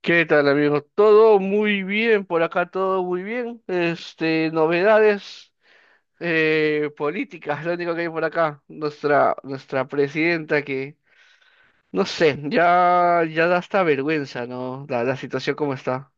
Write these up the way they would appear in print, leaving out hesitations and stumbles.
¿Qué tal, amigos? Todo muy bien, por acá todo muy bien. Novedades políticas, lo único que hay por acá. Nuestra presidenta que, no sé, ya da hasta vergüenza, ¿no? La situación como está.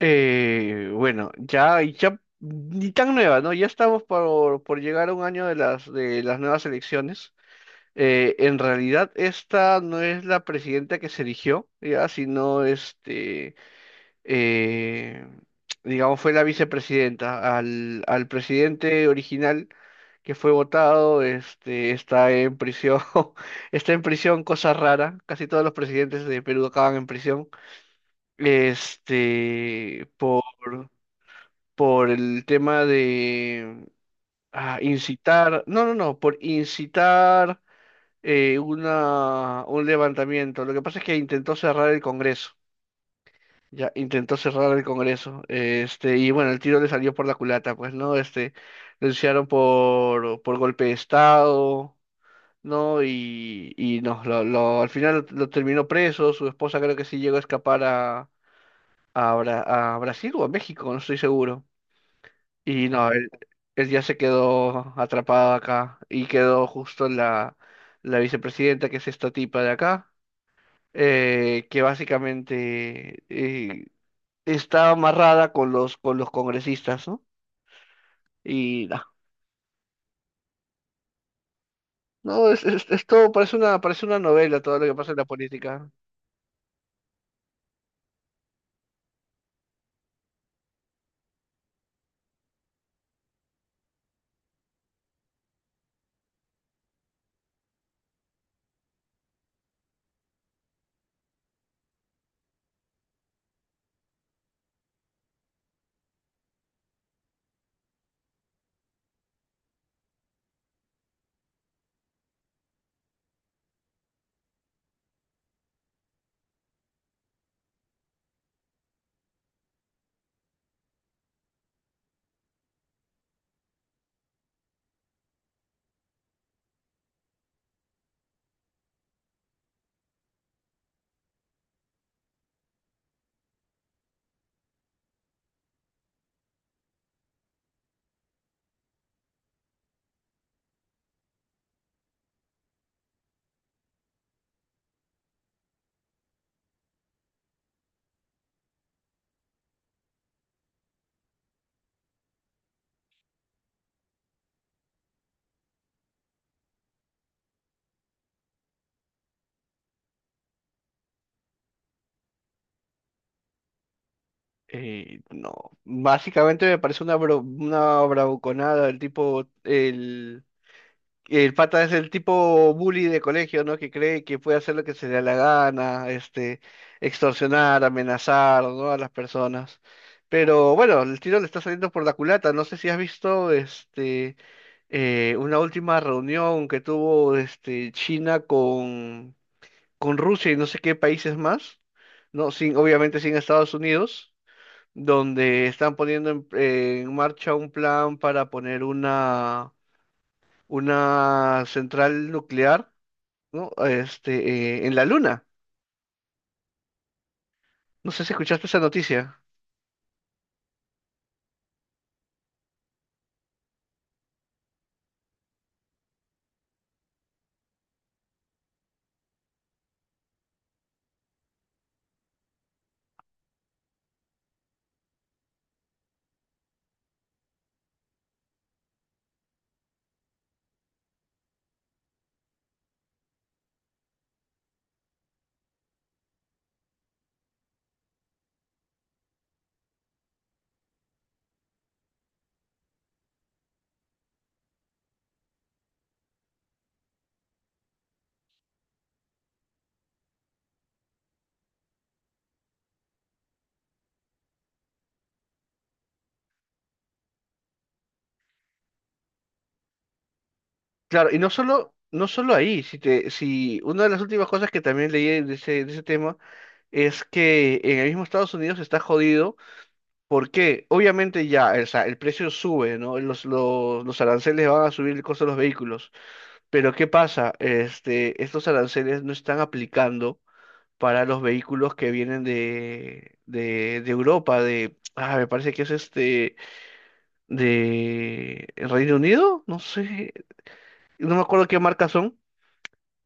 Bueno, ya, ya, ni tan nueva, ¿no? Ya estamos por llegar a un año de de las nuevas elecciones. En realidad, esta no es la presidenta que se eligió, ya, sino eh, digamos, fue la vicepresidenta. Al presidente original que fue votado, está en prisión, está en prisión, cosa rara. Casi todos los presidentes de Perú acaban en prisión. Este, por, por el tema de incitar, no, no, no, por incitar una, un levantamiento. Lo que pasa es que intentó cerrar el Congreso. Ya intentó cerrar el Congreso, y bueno, el tiro le salió por la culata, pues, ¿no? Lo denunciaron por golpe de Estado, ¿no? Y no, al final lo terminó preso, su esposa creo que sí llegó a escapar a, a Brasil o a México, no estoy seguro. Y no, él ya se quedó atrapado acá y quedó justo la vicepresidenta, que es esta tipa de acá, que básicamente está amarrada con con los congresistas, ¿no? Y nah, no, es todo, parece una novela todo lo que pasa en la política. No, básicamente me parece una bravuconada, el pata es el tipo bully de colegio, ¿no? Que cree que puede hacer lo que se le da la gana, extorsionar, amenazar, ¿no? A las personas. Pero bueno, el tiro le está saliendo por la culata. No sé si has visto, una última reunión que tuvo, China con Rusia y no sé qué países más, ¿no? Sin, obviamente sin Estados Unidos, donde están poniendo en marcha un plan para poner una central nuclear, ¿no? En la Luna. No sé si escuchaste esa noticia. Claro, y no solo ahí, si una de las últimas cosas que también leí de de ese tema es que en el mismo Estados Unidos está jodido porque obviamente ya, o sea, el precio sube, ¿no? Los aranceles van a subir el costo de los vehículos. Pero ¿qué pasa? Estos aranceles no están aplicando para los vehículos que vienen de Europa, de, ah, me parece que es de Reino Unido, no sé, no me acuerdo qué marca son,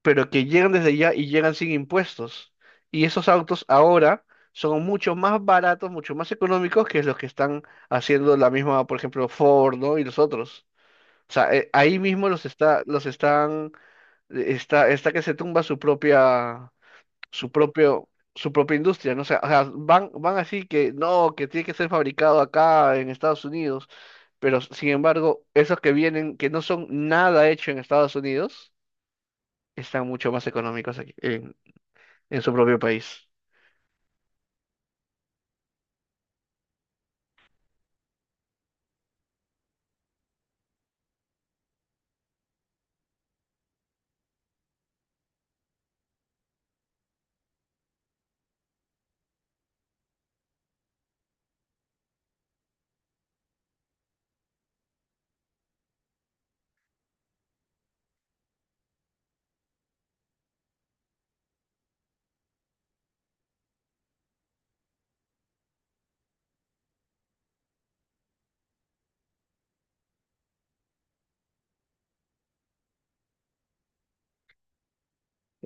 pero que llegan desde allá y llegan sin impuestos. Y esos autos ahora son mucho más baratos, mucho más económicos que los que están haciendo la misma, por ejemplo, Ford, ¿no? Y los otros. O sea, ahí mismo los están, está que se tumba su propio, su propia industria, ¿no? O sea, van así que no, que tiene que ser fabricado acá en Estados Unidos, pero sin embargo, esos que vienen, que no son nada hecho en Estados Unidos, están mucho más económicos aquí, en su propio país.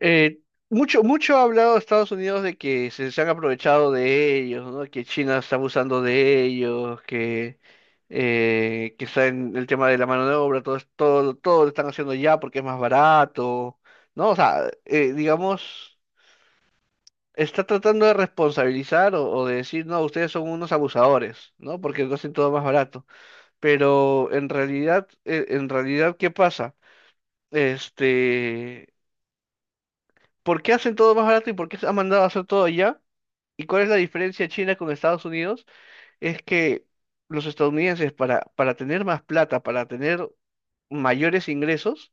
Eh, Mucho ha hablado Estados Unidos de que se han aprovechado de ellos, ¿no? Que China está abusando de ellos, que está en el tema de la mano de obra, todo, todo lo están haciendo ya porque es más barato, ¿no? O sea, digamos, está tratando de responsabilizar o de decir, no, ustedes son unos abusadores, ¿no? Porque lo hacen todo más barato. Pero en realidad, ¿qué pasa? Este, ¿Por qué hacen todo más barato y por qué se han mandado a hacer todo allá? ¿Y cuál es la diferencia China con Estados Unidos? Es que los estadounidenses para tener más plata, para tener mayores ingresos,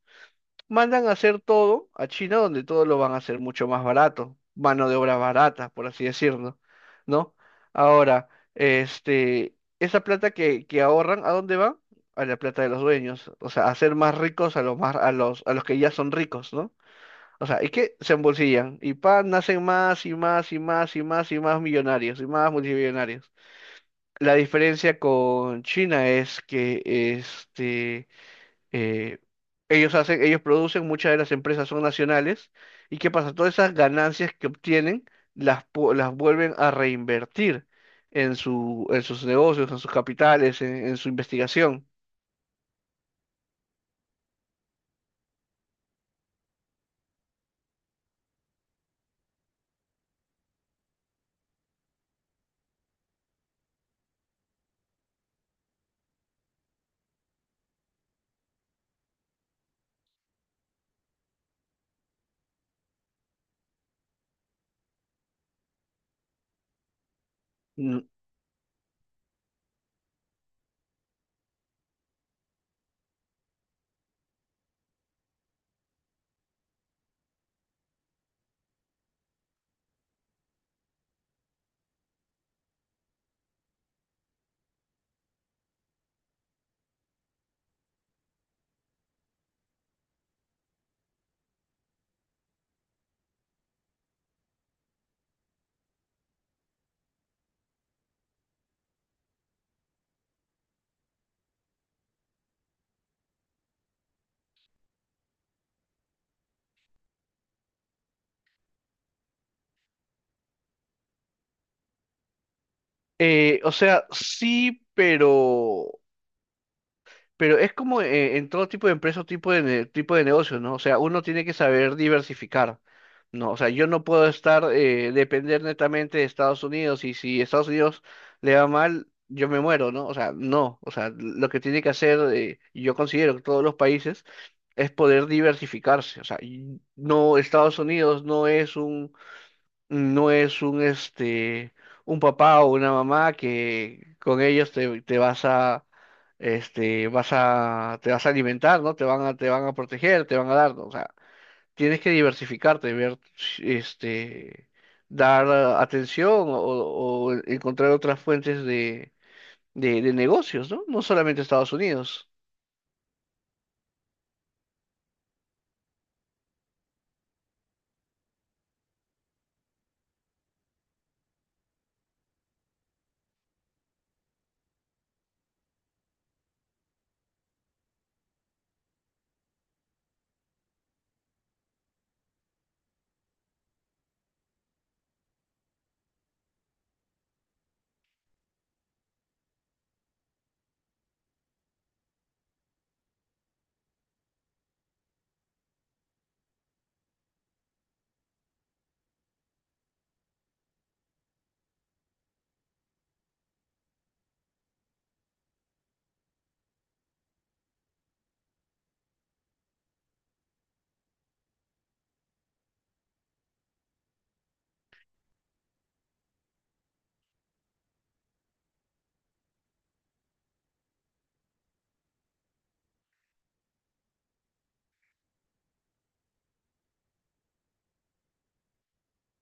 mandan a hacer todo a China donde todo lo van a hacer mucho más barato, mano de obra barata, por así decirlo, ¿no? Ahora, esa plata que ahorran, ¿a dónde va? A la plata de los dueños, o sea, a hacer más ricos a a los que ya son ricos, ¿no? O sea, es que se embolsillan y pa, nacen más y más y más y más y más millonarios y más multimillonarios. La diferencia con China es que eh, ellos hacen, ellos producen, muchas de las empresas son nacionales, y ¿qué pasa? Todas esas ganancias que obtienen las vuelven a reinvertir en su, en sus negocios, en sus capitales, en su investigación. Mm. O sea, sí, pero es como en todo tipo de empresas, tipo de, tipo de negocios, ¿no? O sea, uno tiene que saber diversificar, ¿no? O sea, yo no puedo estar, depender netamente de Estados Unidos y si Estados Unidos le va mal, yo me muero, ¿no? O sea, no. O sea, lo que tiene que hacer, yo considero que todos los países es poder diversificarse. O sea, y no, Estados Unidos no es un papá o una mamá que con ellos te, te vas a te vas a alimentar, ¿no? Te van a proteger, te van a dar, ¿no? O sea, tienes que diversificarte, ver este dar atención o encontrar otras fuentes de, de negocios, ¿no? No solamente Estados Unidos.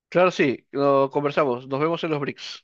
Claro, sí, lo conversamos. Nos vemos en los BRICS.